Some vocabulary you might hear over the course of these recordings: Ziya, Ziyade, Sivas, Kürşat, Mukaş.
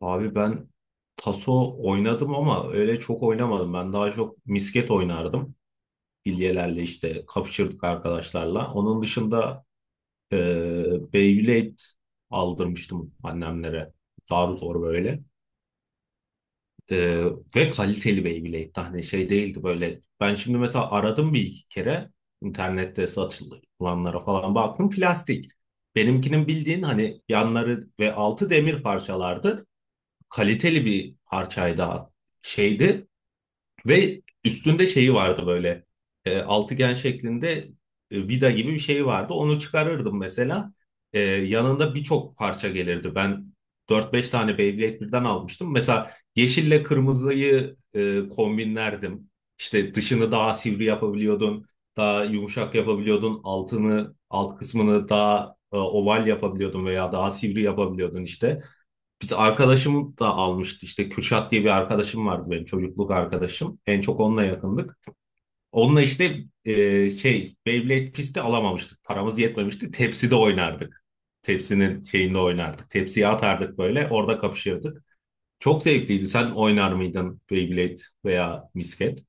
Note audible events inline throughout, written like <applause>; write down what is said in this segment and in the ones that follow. Abi ben taso oynadım ama öyle çok oynamadım. Ben daha çok misket oynardım. Bilyelerle işte kapışırdık arkadaşlarla. Onun dışında Beyblade aldırmıştım annemlere. Zar zor böyle. E, ve kaliteli Beyblade. Hani şey değildi böyle. Ben şimdi mesela aradım bir iki kere, internette satılanlara falan baktım. Plastik. Benimkinin bildiğin hani yanları ve altı demir parçalardı, kaliteli bir parçaydı, şeydi ve üstünde şeyi vardı böyle, altıgen şeklinde vida gibi bir şey vardı. Onu çıkarırdım mesela. Yanında birçok parça gelirdi. Ben dört beş tane Beyblade birden almıştım. Mesela yeşille kırmızıyı kombinlerdim. İşte dışını daha sivri yapabiliyordun, daha yumuşak yapabiliyordun, altını, alt kısmını daha oval yapabiliyordun veya daha sivri yapabiliyordun işte. Biz arkadaşım da almıştı, işte Kürşat diye bir arkadaşım vardı benim, çocukluk arkadaşım. En çok onunla yakındık. Onunla işte şey, Beyblade pisti alamamıştık. Paramız yetmemişti. Tepside oynardık. Tepsinin şeyinde oynardık. Tepsiye atardık, böyle orada kapışırdık. Çok zevkliydi. Sen oynar mıydın Beyblade veya misket?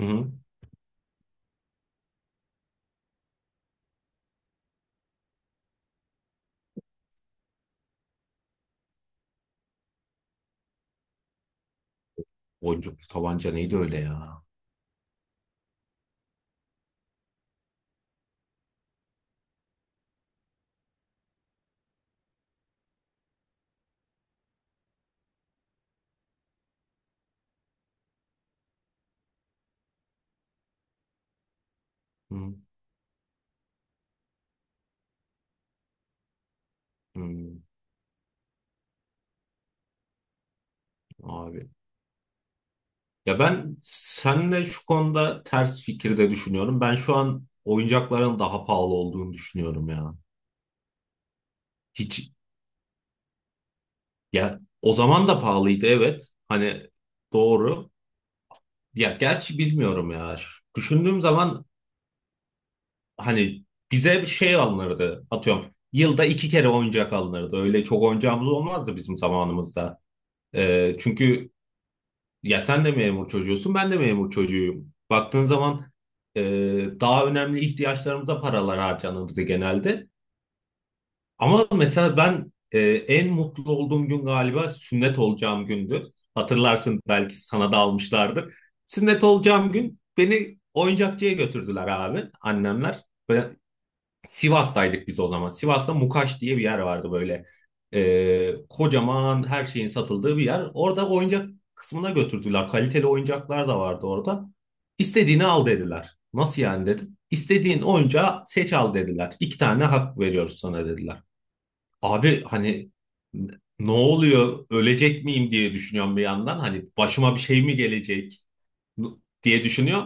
Hı hı. Boncuklu tabanca neydi öyle ya? Hı hı. Abi, ya ben seninle şu konuda ters fikirde düşünüyorum. Ben şu an oyuncakların daha pahalı olduğunu düşünüyorum ya. Hiç, ya o zaman da pahalıydı, evet. Hani doğru. Ya gerçi bilmiyorum ya. Düşündüğüm zaman hani bize bir şey alınırdı. Atıyorum, yılda iki kere oyuncak alınırdı. Öyle çok oyuncağımız olmazdı bizim zamanımızda. Çünkü Ya sen de memur çocuğusun, ben de memur çocuğuyum. Baktığın zaman e, daha önemli ihtiyaçlarımıza paralar harcanırdı genelde. Ama mesela ben en mutlu olduğum gün galiba sünnet olacağım gündü. Hatırlarsın, belki sana da almışlardır. Sünnet olacağım gün beni oyuncakçıya götürdüler abi, annemler. Ben Sivas'taydık biz o zaman. Sivas'ta Mukaş diye bir yer vardı böyle. Kocaman her şeyin satıldığı bir yer. Orada oyuncak kısmına götürdüler. Kaliteli oyuncaklar da vardı orada. İstediğini al dediler. Nasıl yani dedim. İstediğin oyuncağı seç al dediler. İki tane hak veriyoruz sana dediler. Abi hani ne oluyor? Ölecek miyim diye düşünüyorum bir yandan. Hani başıma bir şey mi gelecek diye düşünüyor.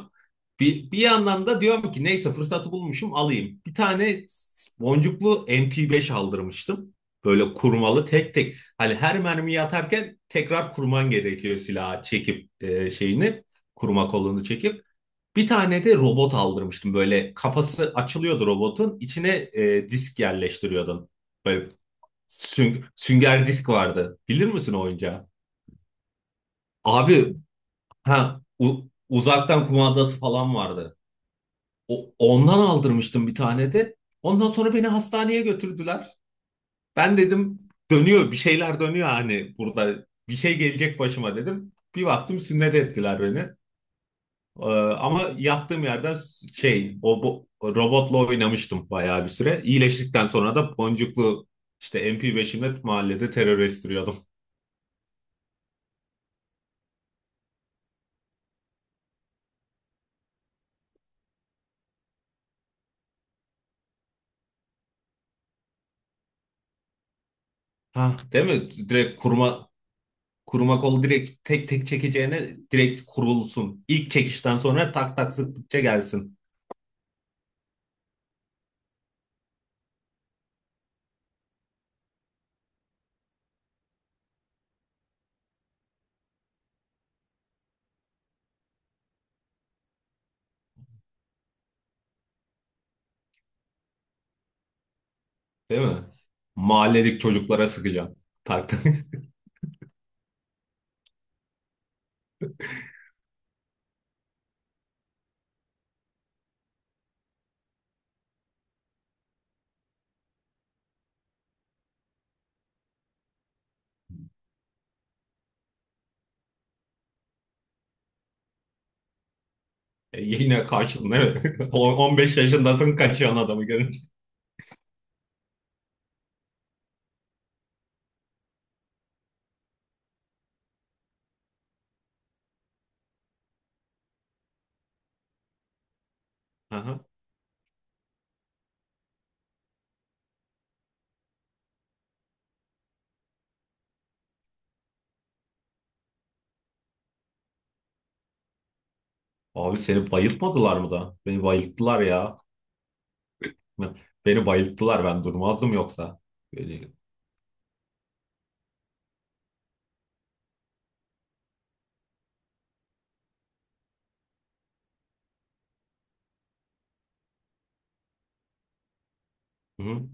Bir yandan da diyorum ki neyse, fırsatı bulmuşum alayım. Bir tane boncuklu MP5 aldırmıştım. Böyle kurmalı, tek tek. Hani her mermiyi atarken tekrar kurman gerekiyor silahı çekip şeyini. Kurma kolunu çekip. Bir tane de robot aldırmıştım. Böyle kafası açılıyordu robotun. İçine disk yerleştiriyordun. Böyle sünger disk vardı. Bilir misin o oyuncağı? Abi ha, uzaktan kumandası falan vardı. Ondan aldırmıştım bir tane de. Ondan sonra beni hastaneye götürdüler. Ben dedim dönüyor, bir şeyler dönüyor, hani burada bir şey gelecek başıma dedim. Bir baktım sünnet ettiler beni. Ee, ama yattığım yerden robotla oynamıştım bayağı bir süre. İyileştikten sonra da boncuklu işte MP5'imle mahallede terör estiriyordum. Ha, değil mi? Direkt kurma Kuruma kol direkt, tek tek çekeceğine direkt kurulsun. İlk çekişten sonra tak tak sıktıkça gelsin. Değil mi? Mahalledeki çocuklara sıkacağım. Tak tak. <laughs> Yine kaçtın değil mi? <laughs> 15 yaşındasın kaçıyorsun adamı görünce. Aha. Abi seni bayıltmadılar mı da? Beni bayılttılar ya. Beni bayılttılar, ben durmazdım yoksa. Böyle- Hı.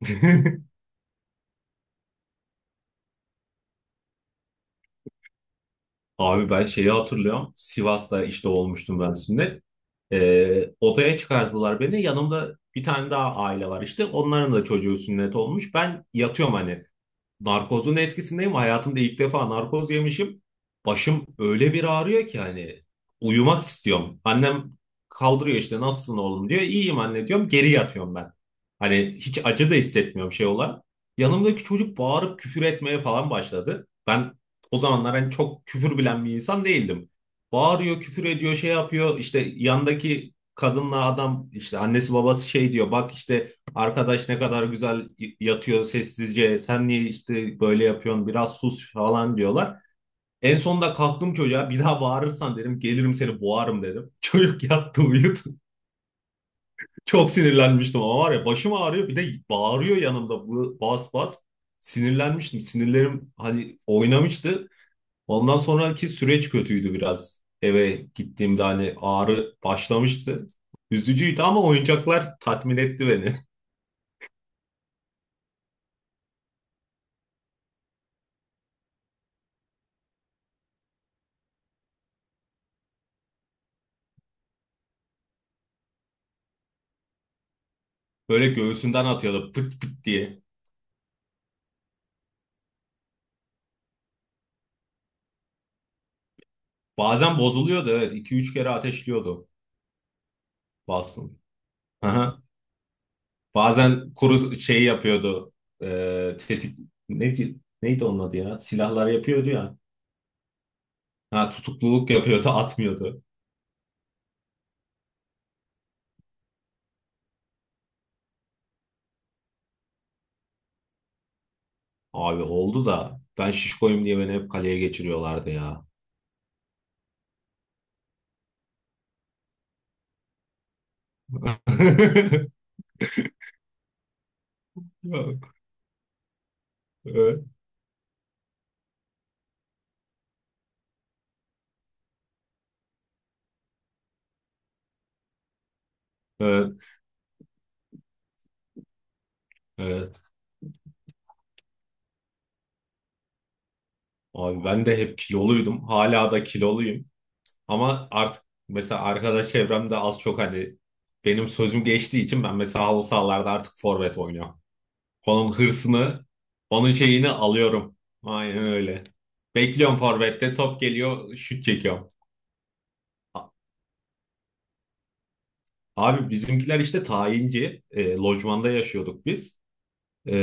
<laughs> Abi ben şeyi hatırlıyorum. Sivas'ta işte olmuştum ben sünnet. Odaya çıkardılar beni. Yanımda bir tane daha aile var işte. Onların da çocuğu sünnet olmuş. Ben yatıyorum hani, narkozun etkisindeyim. Hayatımda ilk defa narkoz yemişim. Başım öyle bir ağrıyor ki hani uyumak istiyorum. Annem kaldırıyor işte, nasılsın oğlum diyor. İyiyim anne diyorum. Geri yatıyorum ben. Hani hiç acı da hissetmiyorum şey olarak. Yanımdaki çocuk bağırıp küfür etmeye falan başladı. Ben o zamanlar hani çok küfür bilen bir insan değildim. Bağırıyor, küfür ediyor, şey yapıyor. İşte yandaki kadınla adam, işte annesi babası şey diyor. Bak işte, arkadaş ne kadar güzel yatıyor sessizce. Sen niye işte böyle yapıyorsun? Biraz sus falan diyorlar. En sonunda kalktım, çocuğa bir daha bağırırsan dedim, gelirim seni boğarım dedim. <laughs> Çocuk yattı, uyudu. <laughs> Çok sinirlenmiştim ama, var ya, başım ağrıyor, bir de bağırıyor yanımda bas bas. Sinirlenmiştim. Sinirlerim hani oynamıştı. Ondan sonraki süreç kötüydü biraz. Eve gittiğimde hani ağrı başlamıştı. Üzücüydü ama oyuncaklar tatmin etti beni. <laughs> Böyle göğsünden atıyordu pıt pıt diye. Bazen bozuluyordu, evet. 2-3 kere ateşliyordu Boston. Aha. Bazen kuru şey yapıyordu. Tetik neydi, neydi onun adı ya? Silahlar yapıyordu ya. Ha, tutukluluk yapıyordu, atmıyordu. Abi oldu da ben şişkoyum diye beni hep kaleye geçiriyorlardı ya. <laughs> Evet, evet, evet. Abi ben de hep kiloluydum. Hala da kiloluyum. Ama artık mesela arkadaş çevremde az çok hani benim sözüm geçtiği için ben mesela halı sahalarda artık forvet oynuyorum. Onun hırsını, onun şeyini alıyorum. Aynen öyle. Bekliyorum forvette, top geliyor, şut çekiyorum. A- Abi bizimkiler işte tayinci. Lojmanda yaşıyorduk biz. E,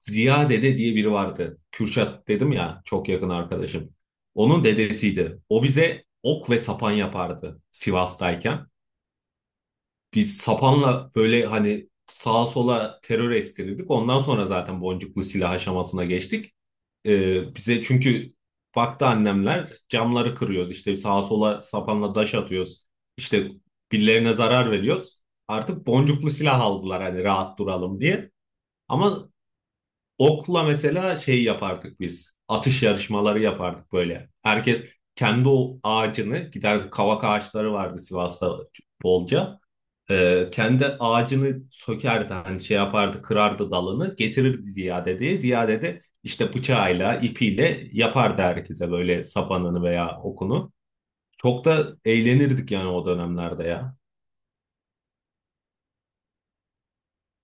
Ziya dede diye biri vardı. Kürşat dedim ya, çok yakın arkadaşım. Onun dedesiydi. O bize ok ve sapan yapardı Sivas'tayken. Biz sapanla böyle hani sağa sola terör estirirdik. Ondan sonra zaten boncuklu silah aşamasına geçtik. Bize çünkü baktı annemler, camları kırıyoruz. İşte sağa sola sapanla daş atıyoruz. İşte birilerine zarar veriyoruz. Artık boncuklu silah aldılar hani rahat duralım diye. Ama okla mesela şey yapardık biz. Atış yarışmaları yapardık böyle. Herkes kendi o ağacını giderdi. Kavak ağaçları vardı Sivas'ta bolca. Kendi ağacını sökerdi, hani şey yapardı, kırardı dalını getirirdi Ziyade'ye. Ziyade de işte bıçağıyla ipiyle yapardı herkese böyle sapanını veya okunu. Çok da eğlenirdik yani o dönemlerde ya.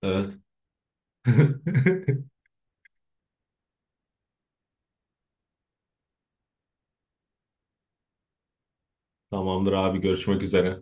Evet. <laughs> Tamamdır abi, görüşmek üzere.